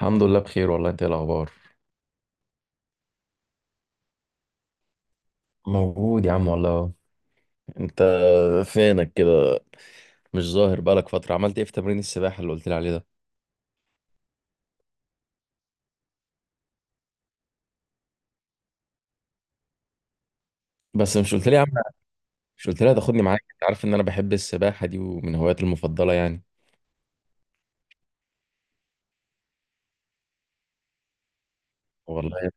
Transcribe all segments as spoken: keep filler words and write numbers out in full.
الحمد لله بخير والله. انت ايه الاخبار؟ موجود يا عم والله. انت فينك كده؟ مش ظاهر بقالك فتره. عملت ايه في تمرين السباحه اللي قلت لي عليه ده؟ بس مش قلت لي يا عم، مش قلت لي هتاخدني معاك؟ انت عارف ان انا بحب السباحه دي ومن هواياتي المفضله يعني. والله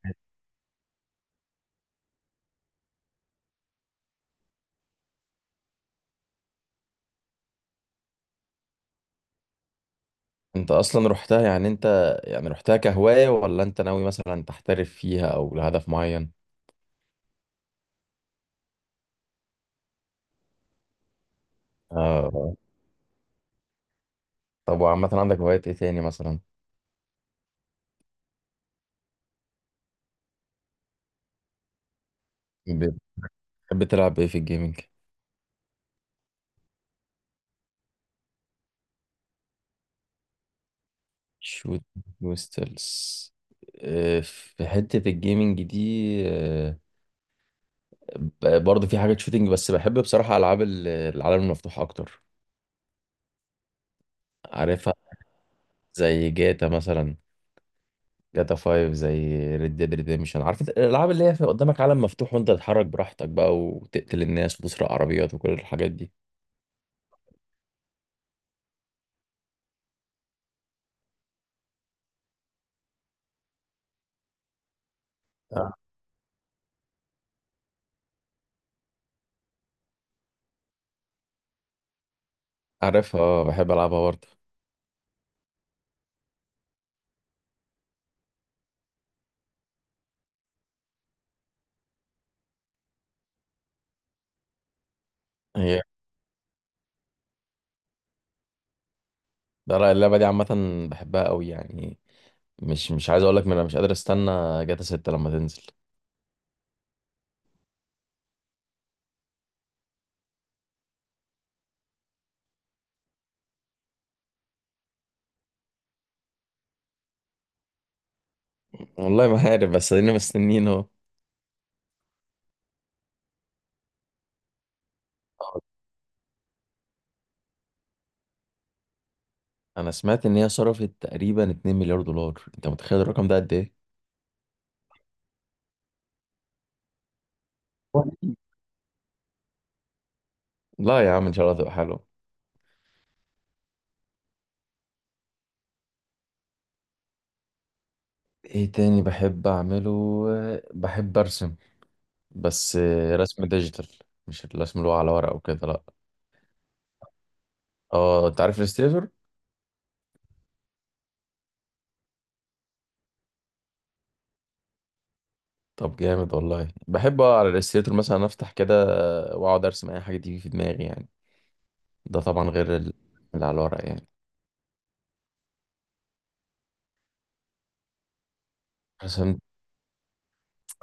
انت اصلا رحتها؟ يعني انت يعني رحتها كهوايه ولا انت ناوي مثلا تحترف فيها او لهدف معين؟ آه. طب وعامه عندك هوايات ايه تاني مثلا؟ بتحب تلعب ايه في الجيمنج؟ شوت كوستلز، آه، في حتة الجيمنج دي، آه، ب- برضه في حاجة شوتينج، بس بحب بصراحة ألعاب ال- العالم المفتوح أكتر. عارفها، زي جاتا مثلا، جاتا خمسة، زي ريد ديد ريديمشن. عارف انت الألعاب اللي هي في قدامك عالم مفتوح وأنت تتحرك براحتك بقى وتقتل الناس وتسرق عربيات وكل الحاجات دي. آه. عارفها، اه بحب ألعبها برضه. هي ده رأي اللعبة دي عامة، بحبها قوي يعني. مش مش عايز أقول لك، أنا مش قادر أستنى جاتا ستة لما تنزل. والله ما عارف، بس ادينا مستنيين اهو. انا سمعت ان هي صرفت تقريبا اتنين مليار دولار، انت متخيل الرقم ده قد ايه؟ لا يا عم ان شاء الله تبقى حلو. ايه تاني بحب اعمله؟ بحب ارسم، بس رسم ديجيتال، مش الرسم اللي هو على ورق وكده، لا. اه انت عارف الستيتور. طب جامد والله. بحب اقعد على الستيتور مثلا، افتح كده واقعد ارسم اي حاجه تيجي في دماغي يعني. ده طبعا غير ال- اللي على الورق يعني. رسمت،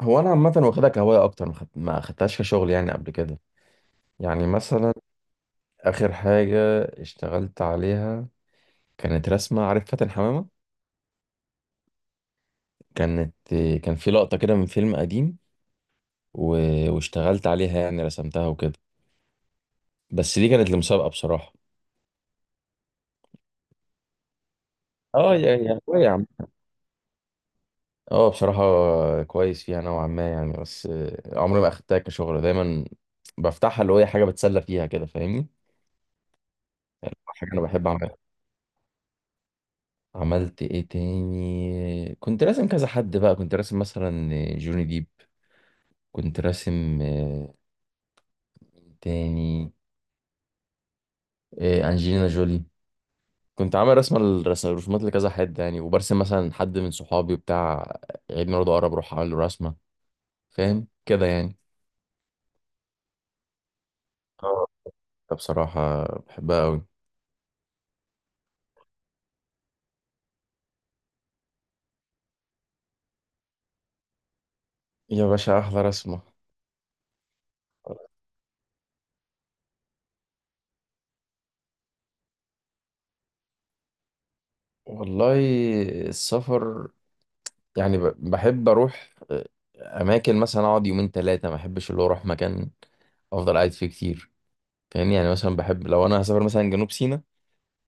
هو انا عامه واخدها كهوايه اكتر، ما خد- ما خدتهاش كشغل يعني قبل كده. يعني مثلا آخر حاجة اشتغلت عليها كانت رسمة، عارف فاتن حمامة؟ كانت، كان في لقطة كده من فيلم قديم، و... واشتغلت عليها يعني، رسمتها وكده. بس دي كانت لمسابقة بصراحة. اه، يا يا هو يا عم. اه بصراحة كويس فيها نوعا ما يعني، بس آه، عمري ما أخدتها كشغل. دايما بفتحها اللي هو هي حاجة بتسلى فيها كده، فاهمني؟ حاجة أنا بحب أعملها. عملت إيه تاني؟ كنت راسم كذا حد بقى. كنت راسم مثلا جوني ديب، كنت راسم تاني إيه، انجلينا جولي. كنت عامل رسمه، الرسم الرسومات لكذا حد يعني. وبرسم مثلا حد من صحابي بتاع عيد ميلاده قرب، اروح اعمل له رسمه، فاهم كده يعني؟ اه بصراحه بحبها قوي. يا باشا احلى رسمه. والله السفر، يعني ب- بحب اروح آه، اماكن مثلا اقعد يومين ثلاثه. ما بحبش اللي هو اروح مكان افضل قاعد فيه كتير، فاهمني؟ يعني مثلا بحب لو انا هسافر مثلا جنوب سيناء،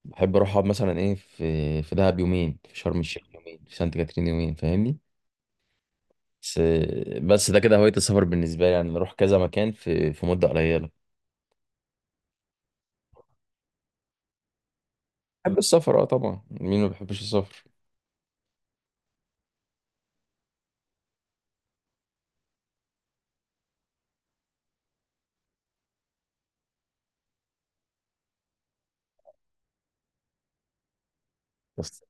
بحب اروح اقعد مثلا ايه، في في دهب يومين، في شرم الشيخ يومين، في سانت كاترين يومين، فاهمني؟ بس بس ده كده هواية السفر بالنسبة لي يعني، بروح كذا مكان في في مدة قليلة. بحب السفر اه طبعا، مين ما بيحبش السفر؟ بس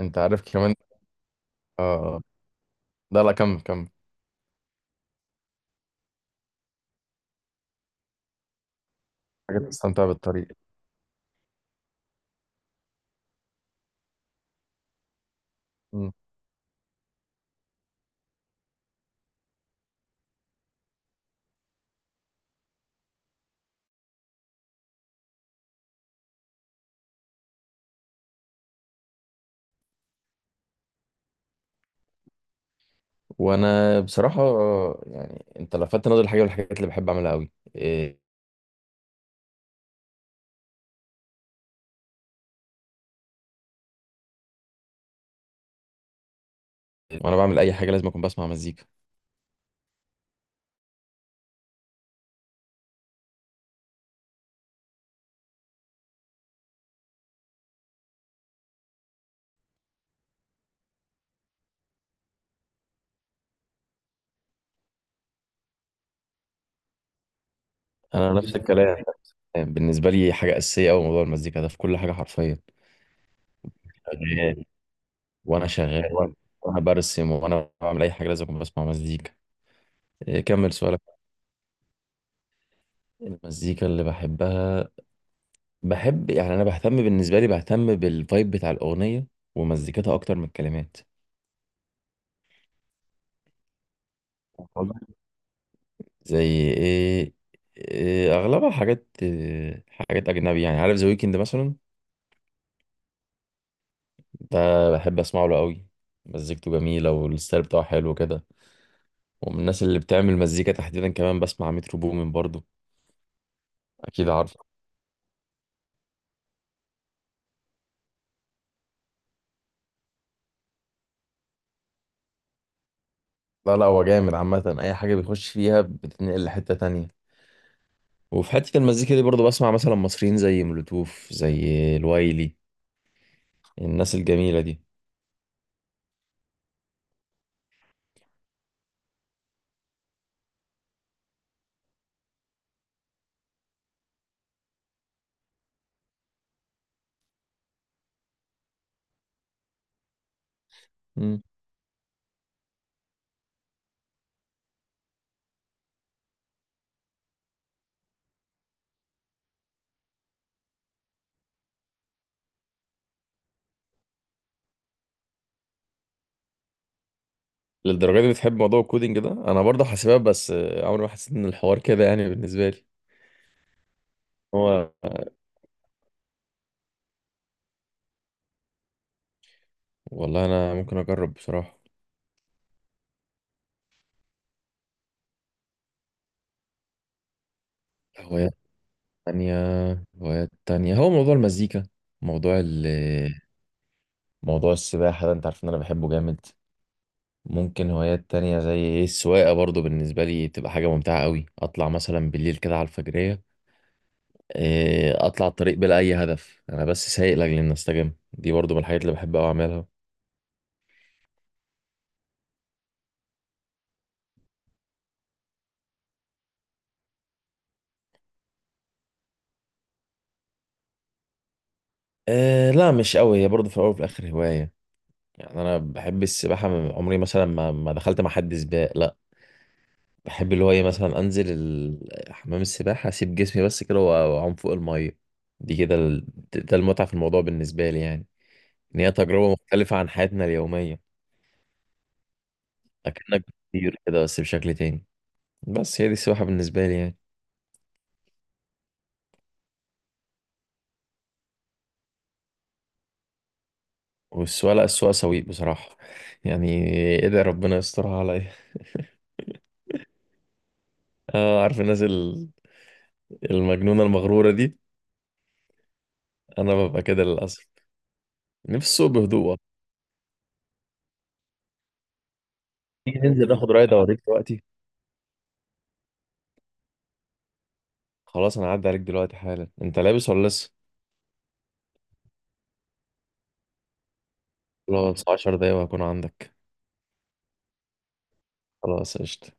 انت عارف كمان. اه لا لا، كمل كمل حاجات تستمتع بالطريق. مم. وانا بصراحة آه، يعني انت لفتت نظري الحاجة من الحاجات اللي بحب اعملها قوي إيه، وانا بعمل اي حاجة لازم اكون بسمع مزيكا. انا نفس الكلام، بالنسبة لي حاجة اساسية اوي موضوع المزيكا ده في كل حاجة حرفيا. وانا شغال، وانا وأنا برسم، وانا بعمل اي حاجه لازم أكون بسمع مزيكا. إيه، كمل سؤالك. المزيكا اللي بحبها، بحب يعني انا بهتم، بالنسبه لي بهتم بالفايب بتاع الاغنيه ومزيكتها اكتر من الكلمات. والله. زي ايه؟ إيه، اغلبها حاجات إيه، حاجات اجنبي يعني، عارف ذا ويكند مثلا؟ ده بحب اسمعه له قوي، مزيكته جميله والستايل بتاعه حلو كده. ومن الناس اللي بتعمل مزيكا تحديدا كمان بسمع مترو بومين برضو. اكيد عارف. لا لا هو جامد عامة، أي حاجة بيخش فيها بتتنقل لحتة تانية. وفي حتة المزيكا دي برضو بسمع مثلا مصريين زي مولوتوف، زي الوايلي، الناس الجميلة دي. مم. للدرجة دي بتحب موضوع الكودينج ده؟ أنا برضه حاسبات، بس آه، عمري ما حسيت إن الحوار كده يعني بالنسبة لي. هو والله أنا ممكن أجرب بصراحة. هوايات تانية؟ هوايات تانية هو موضوع المزيكا، موضوع ال، موضوع السباحة ده أنت عارف إن أنا بحبه جامد. ممكن هوايات تانية زي ايه، السواقة برضو بالنسبة لي تبقى حاجة ممتعة قوي. اطلع مثلا بالليل كده على الفجرية، إيه، اطلع الطريق بلا اي هدف، انا بس سايق لاجل ان استجم. دي برضو من الحاجات اللي بحب قوي اعملها. إيه، لا مش قوي، هي برضو في الاول وفي الاخر هواية. يعني انا بحب السباحة من عمري، مثلا ما ما دخلت مع حد سباق لا. بحب اللي هو ايه، مثلا انزل ال- حمام السباحة، اسيب جسمي بس كده وأ- واعوم فوق المية. دي كده ال- ده المتعة في الموضوع بالنسبة لي يعني، ان هي تجربة مختلفة عن حياتنا اليومية. اكنك بتطير كده بس بشكل تاني، بس هي دي السباحة بالنسبة لي يعني. والسواقة، لا السواقة سويق بصراحة يعني، ادعي ربنا يسترها عليا. اه عارف الناس ال- المجنونة المغرورة دي، انا ببقى كده للأسف. نفسي السوق بهدوء والله. تيجي ننزل ناخد رايد اوريك دلوقتي؟ خلاص انا هعدي عليك دلوقتي حالا. انت لابس ولا لسه؟ خلاص عشر دقايق وهكون عندك. خلاص قشطة.